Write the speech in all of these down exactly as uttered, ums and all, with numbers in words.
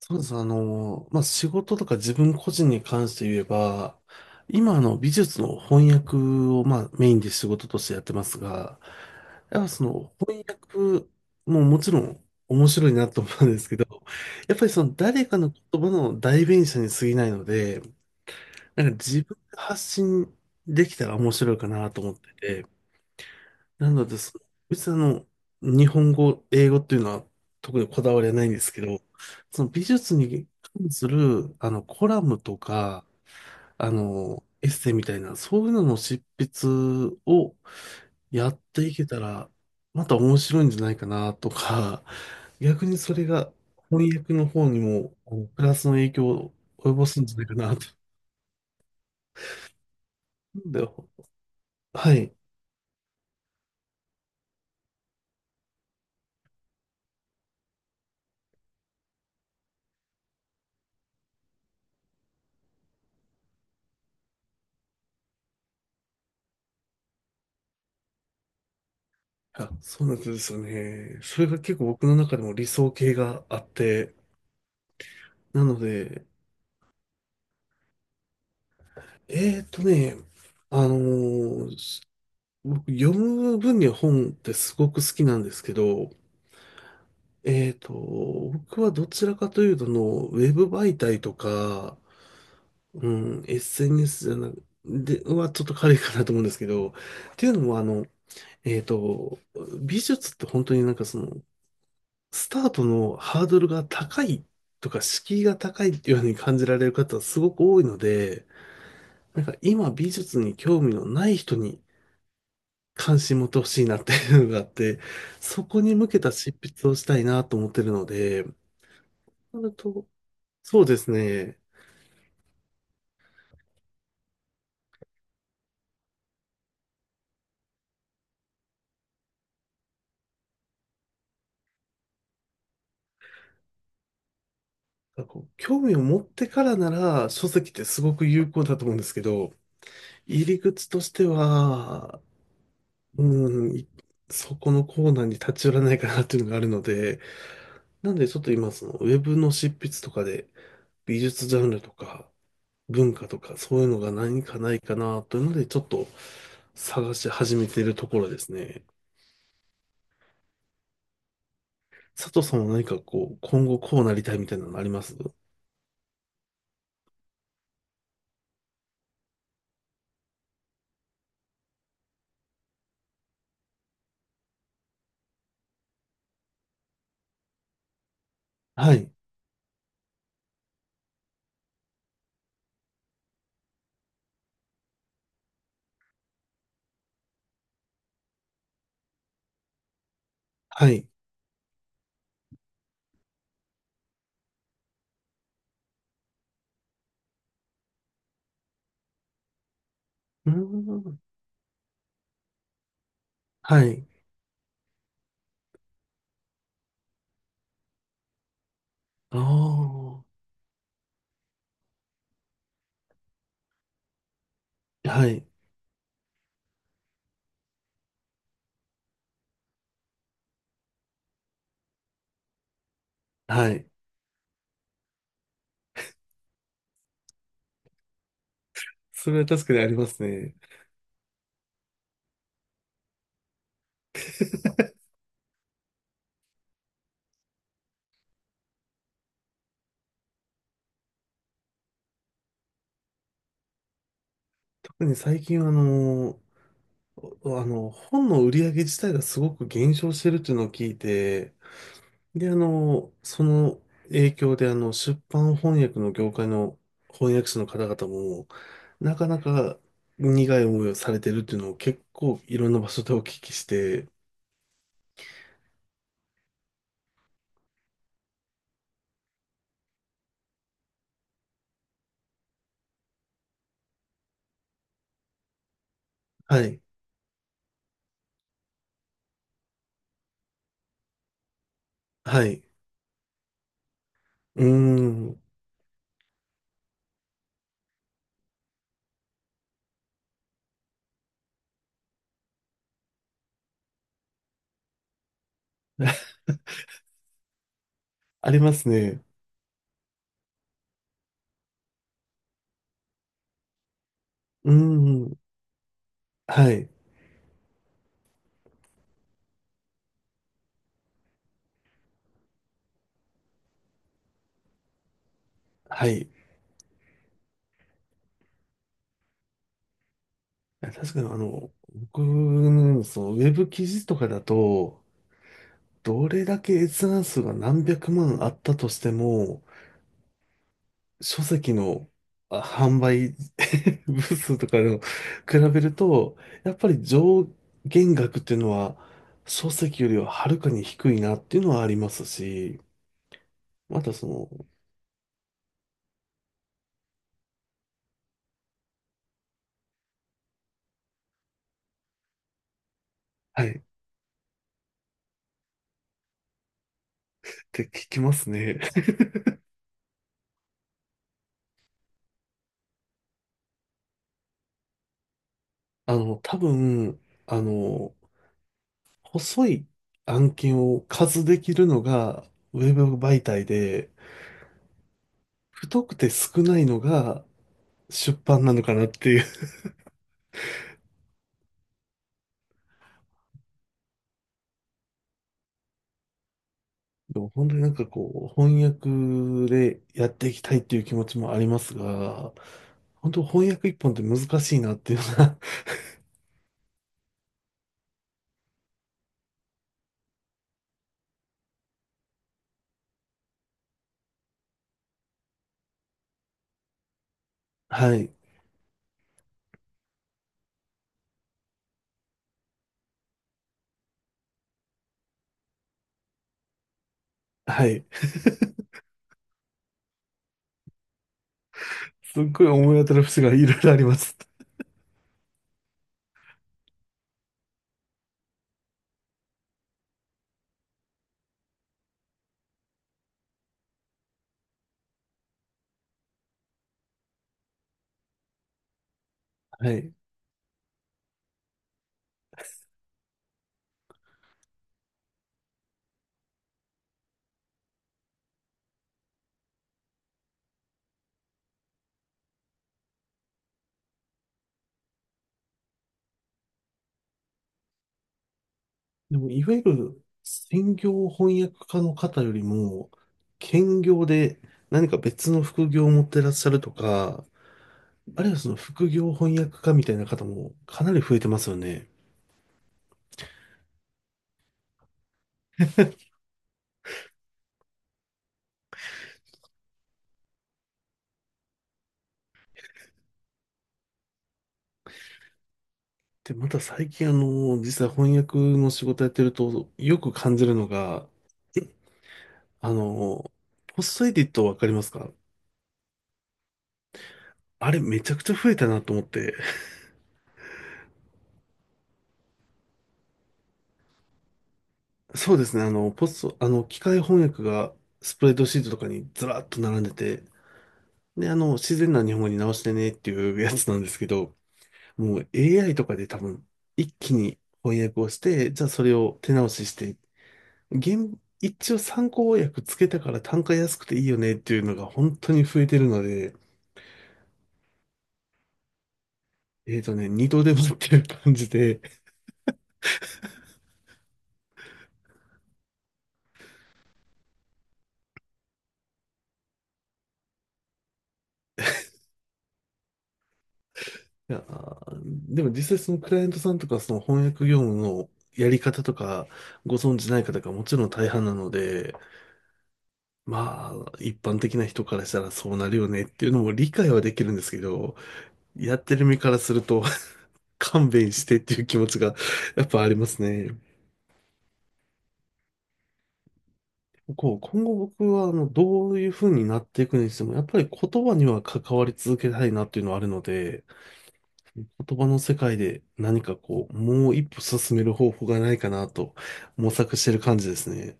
そうです。あの、まあ、仕事とか自分個人に関して言えば、今あの美術の翻訳を、まあメインで仕事としてやってますが、やっぱその翻訳ももちろん面白いなと思うんですけど、やっぱりその誰かの言葉の代弁者に過ぎないので、なんか自分で発信できたら面白いかなと思ってて、なのでそ、別にあの、日本語、英語っていうのは特にこだわりはないんですけど、その美術に関する、あの、コラムとか、あの、エッセイみたいな、そういうのの執筆をやっていけたら、また面白いんじゃないかなとか、逆にそれが翻訳の方にも、あの、プラスの影響を及ぼすんじゃないかなと。なんではい。あ、そうなんですよね。それが結構僕の中でも理想形があって、なので、えーっとね、あのーす僕、読む分には本ってすごく好きなんですけど、えーっと、僕はどちらかというとの、ウェブ媒体とか、うん、エスエヌエス じゃなく、で、はちょっと軽いかなと思うんですけど、っていうのもあの、えーっと、美術って本当になんかその、スタートのハードルが高いとか、敷居が高いっていうように感じられる方はすごく多いので、なんか今美術に興味のない人に関心持ってほしいなっていうのがあって、そこに向けた執筆をしたいなと思ってるので、なると、そうですね。なんかこう興味を持ってからなら書籍ってすごく有効だと思うんですけど、入り口としては、うん、いそこのコーナーに立ち寄らないかなっていうのがあるので、なんでちょっと今そのウェブの執筆とかで美術ジャンルとか文化とかそういうのが何かないかなというので、ちょっと探し始めているところですね。佐藤さんは何かこう、今後こうなりたいみたいなのあります？はい。はい。うーん。はい。ああ。はい。はい。それは確かにありますね。特に最近はあの、おあの、本の売り上げ自体がすごく減少してるっていうのを聞いて、で、あの、その影響で、あの、出版翻訳の業界の翻訳者の方々も、なかなか苦い思いをされてるっていうのを結構いろんな場所でお聞きして、はい、はい、うーん、ありますね。うーん、はい、はい。確かに、あの、僕の、そのウェブ記事とかだと、どれだけ閲覧数が何百万あったとしても、書籍のあ販売 部数とかでも比べると、やっぱり上限額っていうのは書籍よりははるかに低いなっていうのはありますし、またその、はい、って聞きますね。あの、多分、あの、細い案件を数できるのがウェブ媒体で、太くて少ないのが出版なのかなっていう。でも本当になんかこう、翻訳でやっていきたいっていう気持ちもありますが、本当翻訳一本って難しいなっていうのが はい、はい。すっごい思い当たる節がいろいろあります。はい。でも、いわゆる専業翻訳家の方よりも、兼業で何か別の副業を持ってらっしゃるとか、あるいはその副業翻訳家みたいな方もかなり増えてますよね。で、また最近あの、実は翻訳の仕事やってると、よく感じるのが、あの、ポストエディットわかりますか？あれめちゃくちゃ増えたなと思って。そうですね、あの、ポスト、あの、機械翻訳がスプレッドシートとかにずらっと並んでて、で、あの、自然な日本語に直してねっていうやつなんですけど、もう エーアイ とかで多分、一気に翻訳をして、じゃあそれを手直しして現、一応参考訳つけたから単価安くていいよねっていうのが本当に増えてるので、えっとね、二度でもっていう感じで、いやー、でも実際そのクライアントさんとかその翻訳業務のやり方とかご存知ない方がもちろん大半なので、まあ、一般的な人からしたらそうなるよねっていうのも理解はできるんですけど、やってる身からすると 勘弁してっていう気持ちがやっぱありますね。こう、今後僕は、あの、どういう風になっていくにしても、やっぱり言葉には関わり続けたいなっていうのはあるので、言葉の世界で何かこう、もう一歩進める方法がないかなと模索してる感じですね。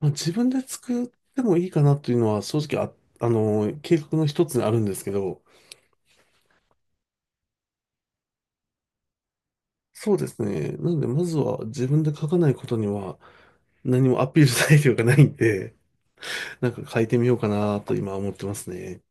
まあ、自分で作ってもいいかなというのは正直あ、あの、計画の一つにあるんですけど、そうですね。なので、まずは自分で書かないことには何もアピール材料がないんで、なんか書いてみようかなと今思ってますね。